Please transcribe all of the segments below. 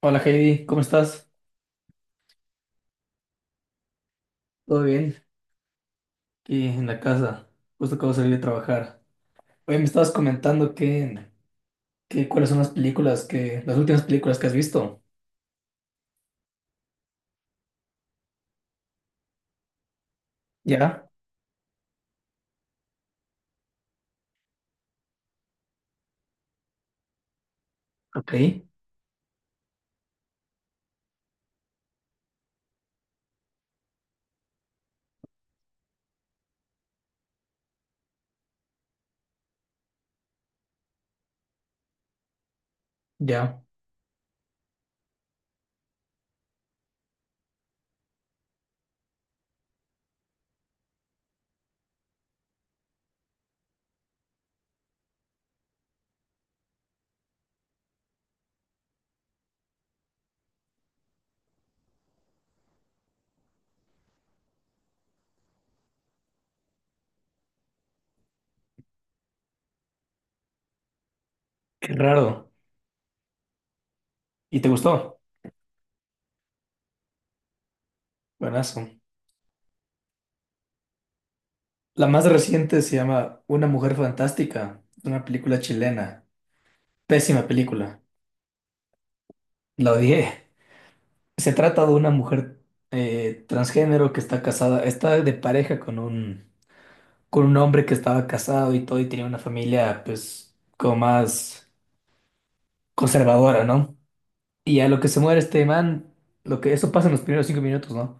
Hola Heidi, ¿cómo estás? ¿Todo bien? Aquí en la casa, justo acabo de salir de trabajar. Oye, me estabas comentando que cuáles son las películas las últimas películas que has visto. ¿Ya? Ok, ya. Qué raro. ¿Y te gustó? Buenazo. La más reciente se llama Una Mujer Fantástica. Es una película chilena. Pésima película. La odié. Se trata de una mujer transgénero que está casada, está de pareja con un hombre que estaba casado y todo y tenía una familia pues como más conservadora, ¿no? Y a lo que se muere este man, lo que eso pasa en los primeros 5 minutos, ¿no?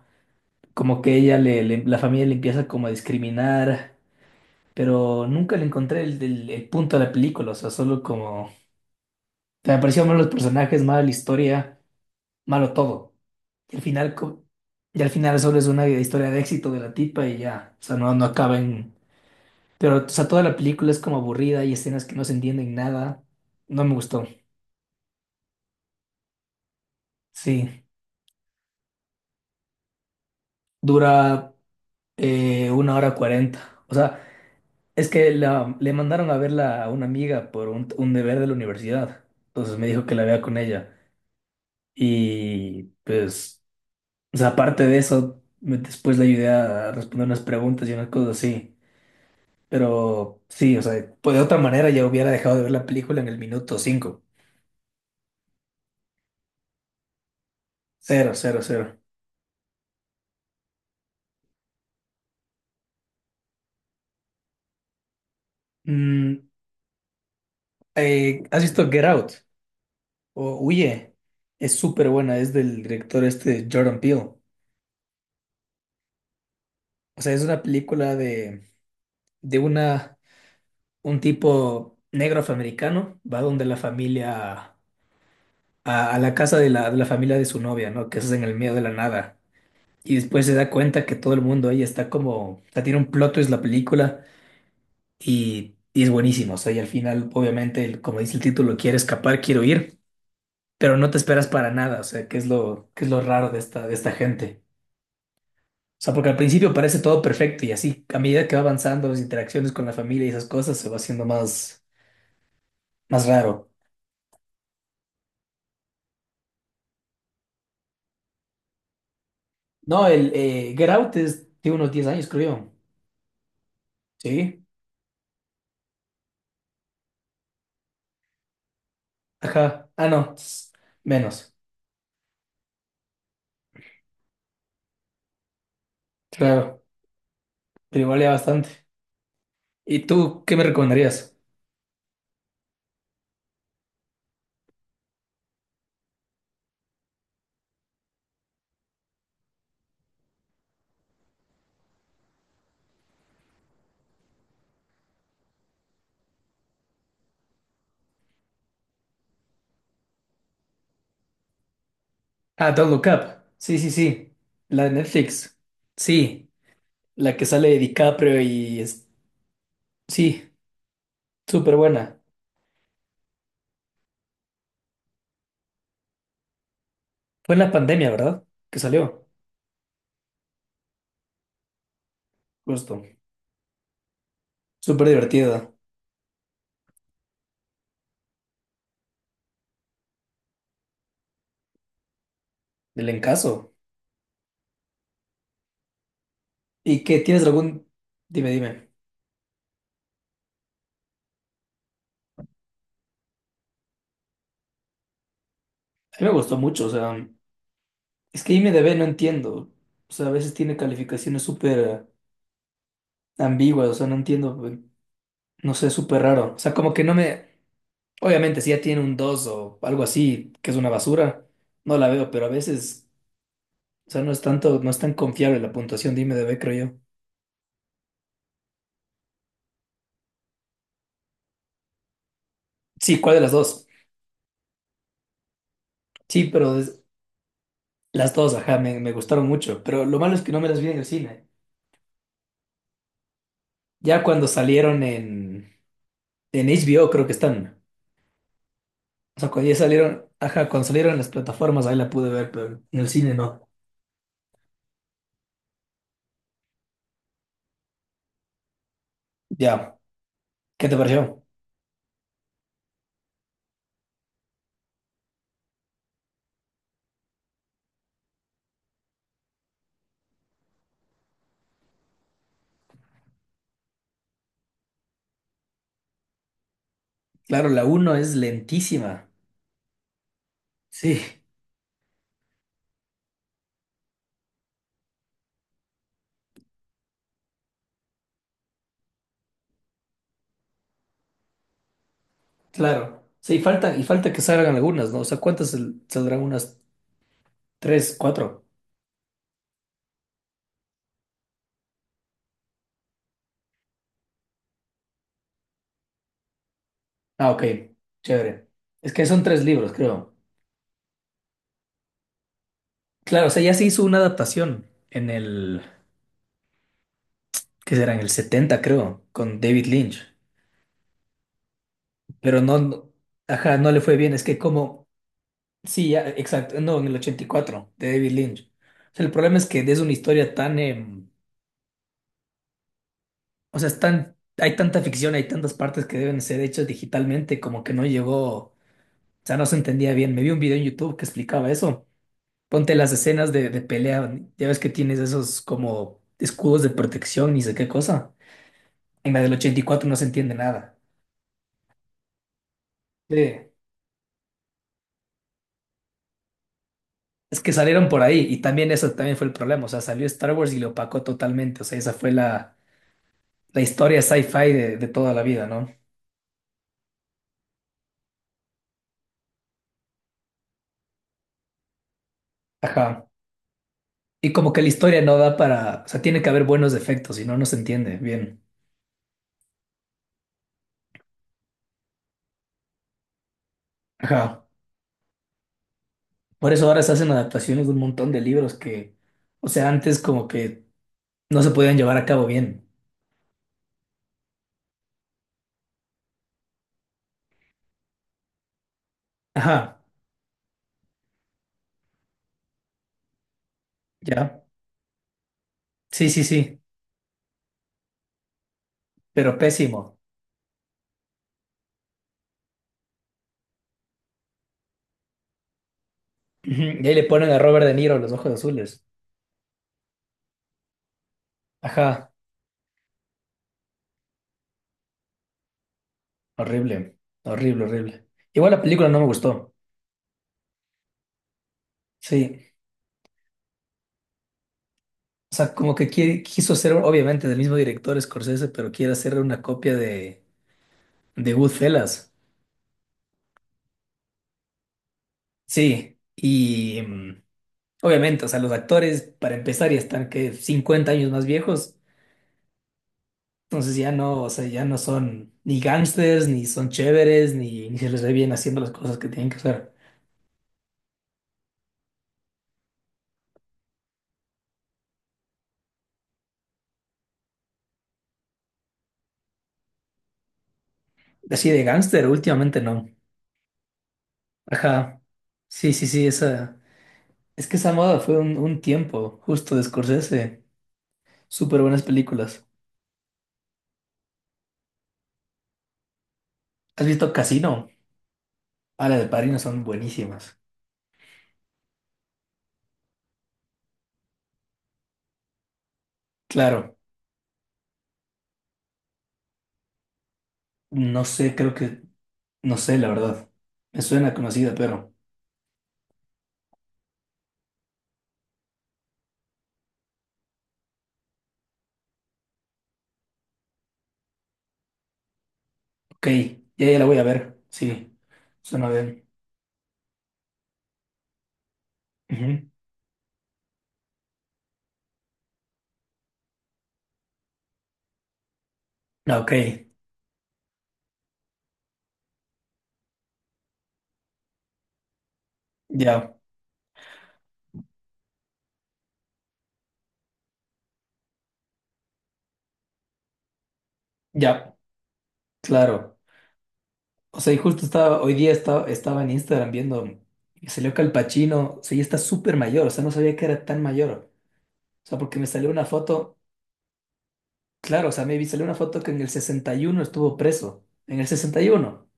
Como que ella la familia le empieza como a discriminar, pero nunca le encontré el punto de la película, o sea, solo como me pareció mal los personajes, mal la historia, malo todo. Y al final co- y al final solo es una historia de éxito de la tipa y ya, o sea, no, no acaba en. Pero, o sea, toda la película es como aburrida, hay escenas que no se entienden nada. No me gustó. Sí, dura 1 hora 40. O sea, es que le mandaron a verla a una amiga por un deber de la universidad. Entonces me dijo que la vea con ella. Y pues, o sea, aparte de eso, después le ayudé a responder unas preguntas y unas cosas así. Pero sí, o sea, pues de otra manera ya hubiera dejado de ver la película en el minuto 5. Cero, cero, cero. Mm, ¿has visto Get Out? Huye. Es súper buena, es del director este Jordan Peele. O sea, es una película de un tipo negro afroamericano, va donde la familia, a la casa de la familia de su novia, ¿no? Que es en el medio de la nada. Y después se da cuenta que todo el mundo ahí está como, o sea, tiene un plot twist la película y es buenísimo. O sea, y al final, obviamente, el como dice el título, quiere escapar, quiero ir, pero no te esperas para nada. O sea, que es lo raro de esta gente. O sea, porque al principio parece todo perfecto y así, a medida que va avanzando las interacciones con la familia y esas cosas, se va haciendo más, más raro. No, el Get Out es de unos 10 años, creo yo. Sí, ajá. Ah, no, menos. Claro, pero igual ya bastante. ¿Y tú qué me recomendarías? Ah, Don't Look Up. Sí, sí, sí. La de Netflix. Sí, la que sale de DiCaprio y es... Sí, súper buena. Fue en la pandemia, ¿verdad? Que salió. Justo. Súper divertida. Del encaso. ¿Y qué tienes algún? Dime, dime. A mí me gustó mucho, o sea, es que IMDb no entiendo. O sea, a veces tiene calificaciones súper ambiguas, o sea, no entiendo, no sé, súper raro. O sea, como que no me... Obviamente, si ya tiene un 2 o algo así, que es una basura, no la veo, pero a veces, o sea, no es tanto, no es tan confiable la puntuación de IMDb, creo yo. Sí, ¿cuál de las dos? Sí, pero las dos, ajá, me gustaron mucho, pero lo malo es que no me las vi en el cine. Ya cuando salieron en HBO, creo que están. O sea, cuando ya salieron, ajá, cuando salieron en las plataformas, ahí la pude ver, pero en el cine no. Ya, ¿qué te pareció? Claro, la uno es lentísima. Sí, claro. Sí, falta, y falta que salgan algunas, ¿no? O sea, ¿cuántas saldrán? Unas tres, cuatro. Ah, ok. Chévere. Es que son tres libros, creo. Claro, o sea, ya se hizo una adaptación en el, ¿qué será? En el 70, creo, con David Lynch. Pero no, ajá, no le fue bien. Es que como sí, ya, exacto. No, en el 84 de David Lynch. O sea, el problema es que es una historia tan, o sea, es tan, hay tanta ficción, hay tantas partes que deben ser hechas digitalmente, como que no llegó, o sea, no se entendía bien. Me vi un video en YouTube que explicaba eso. Ponte las escenas de pelea, ya ves que tienes esos como escudos de protección, ni sé qué cosa. En la del 84 no se entiende nada. Sí. Es que salieron por ahí y también eso también fue el problema. O sea, salió Star Wars y lo opacó totalmente. O sea, esa fue la historia sci-fi de toda la vida, ¿no? Ajá. Y como que la historia no da para, o sea, tiene que haber buenos efectos, si no, no se entiende bien. Ajá. Por eso ahora se hacen adaptaciones de un montón de libros que, o sea, antes como que no se podían llevar a cabo bien. Ajá, ya. Sí, sí, sí, pero pésimo. Ujú, y ahí le ponen a Robert De Niro los ojos azules. Ajá, horrible, horrible, horrible. Igual la película no me gustó. Sí. O sea, como que quiso ser, obviamente, del mismo director Scorsese, pero quiere hacer una copia de Goodfellas. Sí, y obviamente, o sea, los actores, para empezar, ya están que 50 años más viejos. Entonces ya no, o sea, ya no son ni gángsters, ni son chéveres, ni, ni se les ve bien haciendo las cosas que tienen que hacer. Así de gángster, últimamente no. Ajá. Sí, sí, sí, esa. Es que esa moda fue un tiempo justo de Scorsese. Súper buenas películas. ¿Has visto Casino? Ah, las de Padrino son buenísimas. Claro, no sé, creo que, no sé, la verdad. Me suena conocida, pero, ok, ya, ya la voy a ver. Sí, suena bien. Ujú. Ah, ok, ya, ya, claro. O sea, y justo hoy día estaba en Instagram viendo, y salió que Al Pacino, o sea, ya está súper mayor, o sea, no sabía que era tan mayor. O sea, porque me salió una foto, claro, o sea, me vi, salió una foto que en el 61 estuvo preso. En el 61,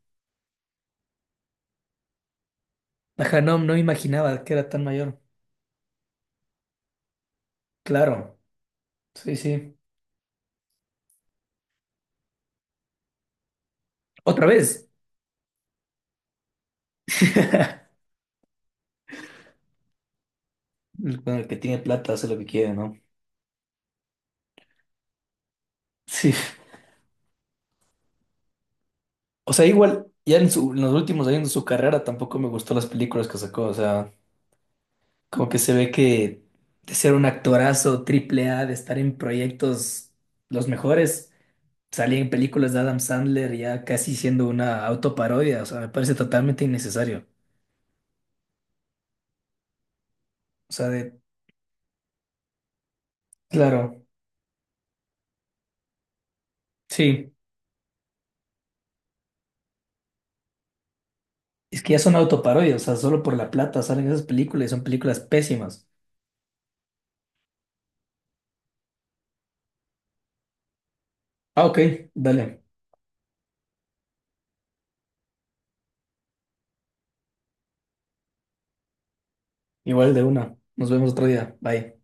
ajá, no, no me imaginaba que era tan mayor. Claro. Sí, sí. Otra vez. Con el que tiene plata hace lo que quiere, ¿no? Sí, o sea, igual, ya en los últimos años de su carrera tampoco me gustó las películas que sacó. O sea, como que se ve que de ser un actorazo triple A, de estar en proyectos los mejores, salía en películas de Adam Sandler ya casi siendo una autoparodia. O sea, me parece totalmente innecesario. O sea, claro, sí. Es que ya son autoparodias, o sea, solo por la plata salen esas películas y son películas pésimas. Ah, ok, dale. Igual de una. Nos vemos otro día. Bye.